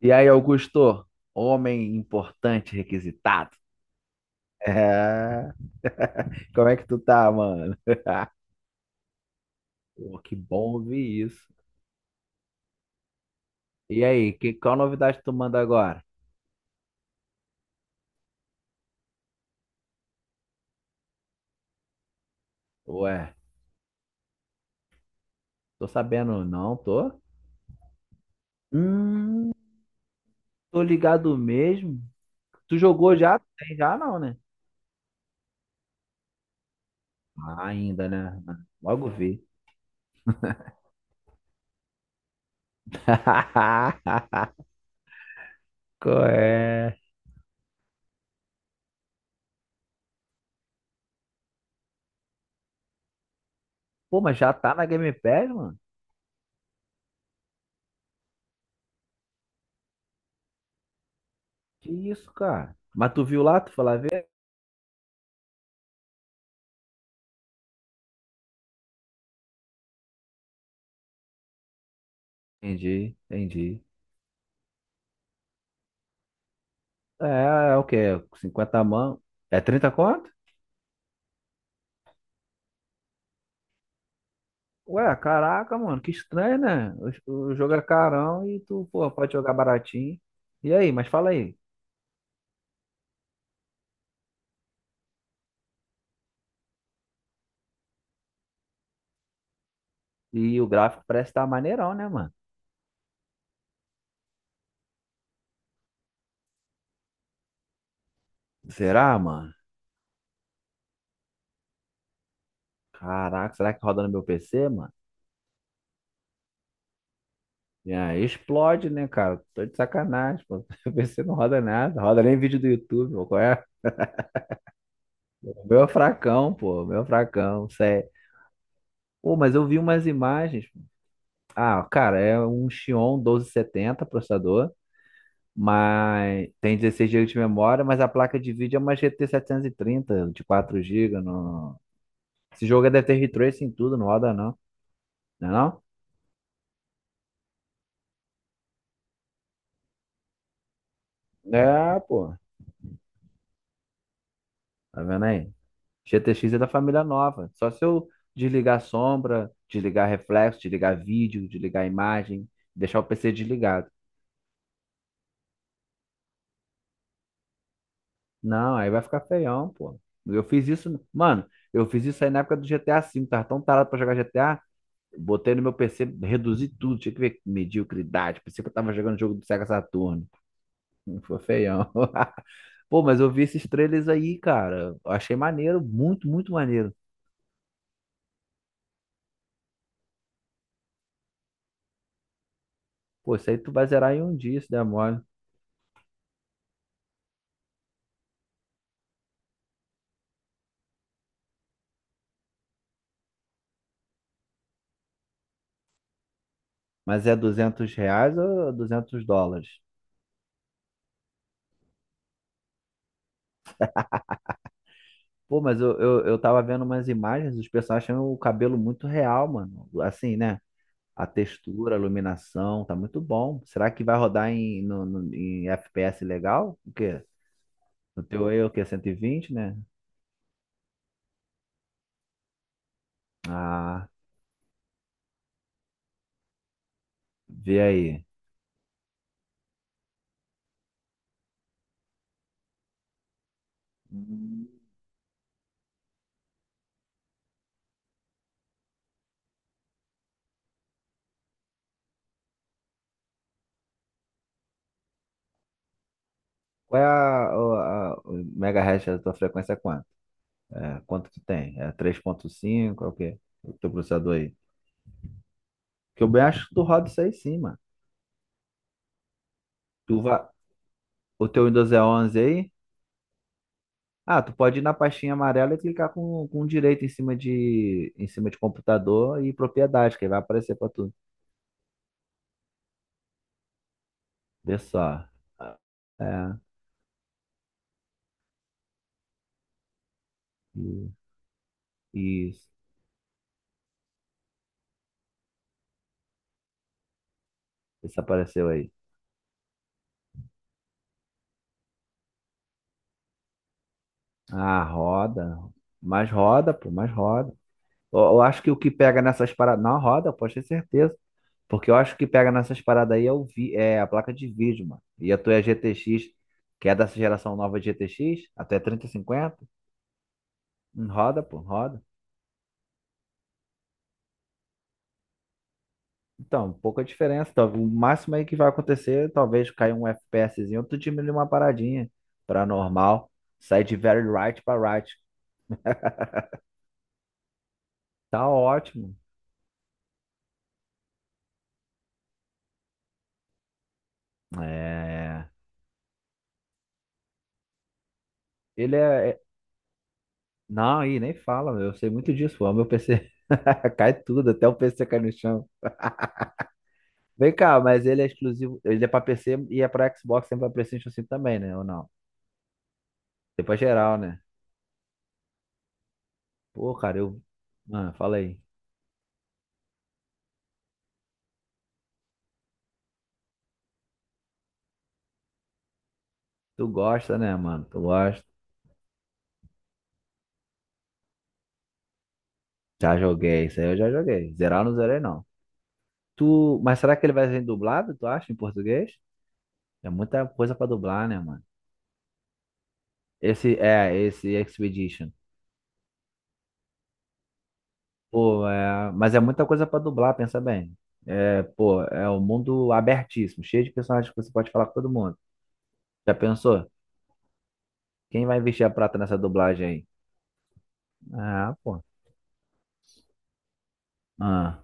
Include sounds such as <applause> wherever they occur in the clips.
E aí, Augusto? Homem importante requisitado. É. <laughs> Como é que tu tá, mano? <laughs> Pô, que bom ouvir isso. E aí, qual novidade tu manda agora? Ué, tô sabendo, não, tô? Hum, Tô ligado mesmo. Tu jogou já? Tem já não, né? Ah, ainda, né? Logo vi. <laughs> Qual é? Pô, mas já tá na Game Pass, mano? Que isso, cara? Mas tu viu lá, tu foi lá ver? Entendi, entendi. É o quê? 50 mão. É 30 conto? Ué, caraca, mano, que estranho, né? O jogo é carão e tu, pô, pode jogar baratinho. E aí, mas fala aí. E o gráfico parece estar maneirão, né, mano? Será, mano? Caraca, será que roda no meu PC, mano? E aí explode, né, cara? Tô de sacanagem, pô. <laughs> Meu PC não roda nada, roda nem vídeo do YouTube, pô. Qual é? O meu é fracão, pô, o meu é fracão, sério. Pô, mas eu vi umas imagens. Ah, cara, é um Xeon 1270 processador. Mas tem 16 gigas de memória, mas a placa de vídeo é uma GT 730 de 4 gigas. No... Esse jogo deve ter ray tracing em tudo, não roda não. Não é não? É, pô. Tá vendo aí? GTX é da família nova. Só se eu desligar sombra, desligar reflexo, desligar vídeo, desligar imagem, deixar o PC desligado. Não, aí vai ficar feião, pô. Eu fiz isso, mano, eu fiz isso aí na época do GTA V, tava tão tarado pra jogar GTA. Botei no meu PC, reduzi tudo, tinha que ver que mediocridade. Pensei que eu tava jogando jogo do Sega Saturno. Foi feião. <laughs> Pô, mas eu vi esses trailers aí, cara. Eu achei maneiro, muito, muito maneiro. Pô, isso aí tu vai zerar em um dia, se der mole. Mas é R$ 200 ou US$ 200? Pô, mas eu tava vendo umas imagens, os personagens tinham o cabelo muito real, mano. Assim, né? A textura, a iluminação, tá muito bom. Será que vai rodar em FPS legal? O quê? No teu aí é o quê? 120, né? Ah, vê aí. Hum, Qual é o megahertz da tua frequência? É quanto? É, quanto tu tem? É 3.5? É o quê? O teu processador aí. Que eu bem acho que tu roda isso aí sim, mano. Tu vai, o teu Windows é 11 aí? Ah, tu pode ir na pastinha amarela e clicar com direito em cima de computador e propriedade, que aí vai aparecer pra tu. Vê só. É, e- isso. Isso apareceu aí. Ah, roda. Mais roda, pô, mais roda. Eu acho que o que pega nessas paradas. Não, roda, pode ter certeza. Porque eu acho que o que pega nessas paradas aí é a placa de vídeo, mano. E a tua é GTX, que é dessa geração nova de GTX, até 3050. Roda, pô, roda. Então, pouca diferença. O máximo aí que vai acontecer, talvez cair um FPSzinho, tu diminui uma paradinha pra normal. Sai de very right pra right. Tá ótimo. É. Ele é, Não, aí nem fala, meu. Eu sei muito disso. O meu PC <laughs> cai tudo, até o PC cai no chão. Vem cá, mas ele é exclusivo. Ele é pra PC e é pra Xbox, sempre pra PlayStation 5 também, né? Ou não? É pra geral, né? Pô, cara, eu. Mano, fala aí. Tu gosta, né, mano? Tu gosta. Já joguei, isso aí eu já joguei. Zerar eu não zerei, não. Tu. Mas será que ele vai ser dublado, tu acha, em português? É muita coisa pra dublar, né, mano? Esse Expedition. Pô, é, mas é muita coisa pra dublar, pensa bem. É, pô, é um mundo abertíssimo, cheio de personagens que você pode falar com todo mundo. Já pensou? Quem vai investir a prata nessa dublagem aí? Ah, pô. Ah.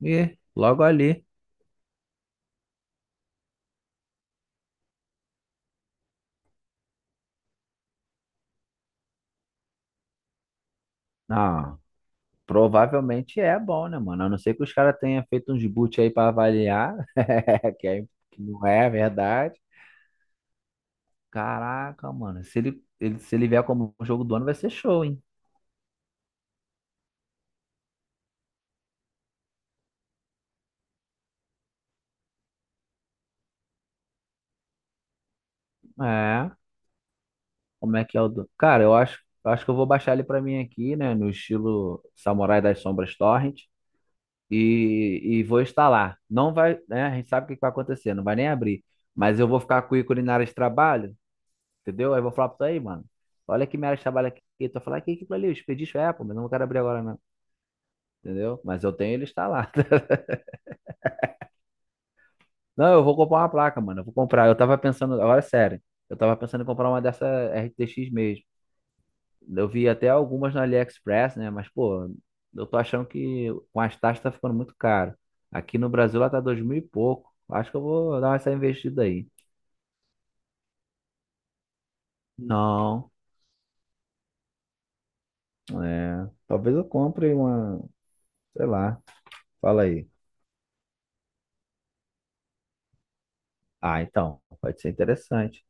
E logo ali. Ah, provavelmente é bom, né, mano? A não ser que os caras tenham feito uns boot aí pra avaliar, <laughs> que, é- que não é verdade. Caraca, mano, se ele vier como jogo do ano, vai ser show, hein? É. Como é que é o do... Cara, eu acho, que eu vou baixar ele pra mim aqui, né? No estilo Samurai das Sombras Torrent. E vou instalar. Não vai, né? A gente sabe o que que vai acontecer, não vai nem abrir. Mas eu vou ficar com o ícone na área de trabalho, entendeu? Aí eu vou falar pra tu aí, mano. Olha que minha área de trabalho aqui. Tu vai falar "Ah, que aquilo ali, o Expedition Apple, mas eu não quero abrir agora, não. Entendeu? Mas eu tenho ele instalado. <laughs> Não, eu vou comprar uma placa, mano. Eu vou comprar. Eu tava pensando, agora é sério. Eu tava pensando em comprar uma dessa RTX mesmo. Eu vi até algumas na AliExpress, né? Mas, pô, eu tô achando que com as taxas tá ficando muito caro. Aqui no Brasil ela tá dois mil e pouco. Acho que eu vou dar essa investida aí. Não, é. Talvez eu compre uma, sei lá. Fala aí. Ah, então, pode ser interessante.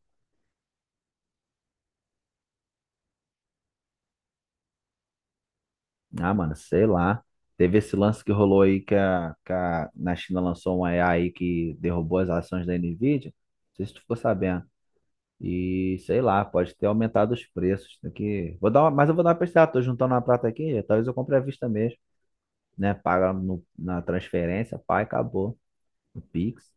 Ah, mano, sei lá. Teve esse lance que rolou aí que na China lançou uma AI que derrubou as ações da Nvidia. Não sei se tu ficou sabendo. E sei lá, pode ter aumentado os preços. Tem que... vou dar uma... Mas eu vou dar uma pesquisada, tô juntando uma prata aqui, talvez eu compre à vista mesmo, né? Paga na transferência, pá, e acabou. No Pix.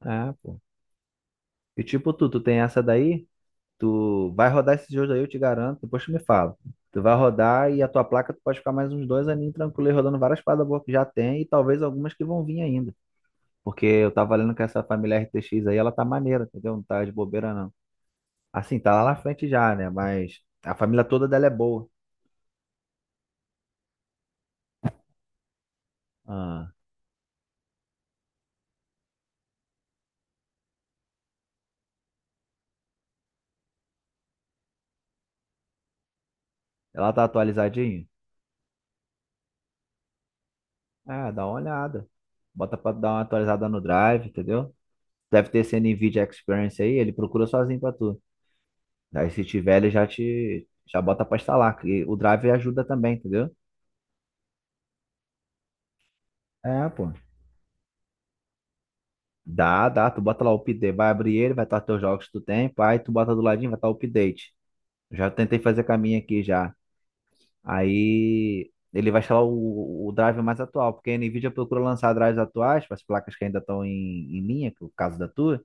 É, pô. E tipo, tu tem essa daí, tu vai rodar esses jogos aí, eu te garanto, depois tu me fala. Tu vai rodar e a tua placa tu pode ficar mais uns dois aninhos tranquilo aí, rodando várias paradas boas que já tem e talvez algumas que vão vir ainda. Porque eu tava lendo que essa família RTX aí, ela tá maneira, entendeu? Não tá de bobeira, não. Assim, tá lá na frente já, né? Mas a família toda dela é boa. Ah, ela tá atualizadinha? Ah, dá uma olhada. Bota pra dar uma atualizada no Drive, entendeu? Deve ter esse NVIDIA Experience aí, ele procura sozinho pra tu. Aí se tiver, Já bota pra instalar. Que o Drive ajuda também, entendeu? É, pô. Dá, dá. Tu bota lá o update, vai abrir ele, vai estar teus jogos que tu tem, pá, e tu bota do ladinho, vai estar o update. Já tentei fazer caminho aqui já. Aí ele vai instalar o drive mais atual, porque a Nvidia procura lançar drives atuais para as placas que ainda estão em linha, que é o caso da tua,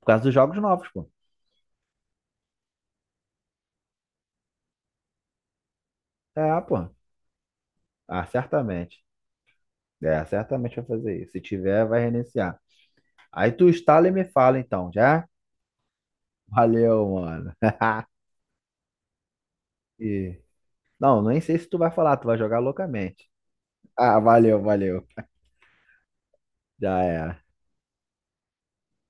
por causa dos jogos novos, pô. É, pô. Ah, certamente. É, certamente vai fazer isso. Se tiver, vai reiniciar. Aí tu instala e me fala então, já? Valeu, mano. <laughs> E... Não, nem sei se tu vai falar, tu vai jogar loucamente. Ah, valeu, valeu. Já era.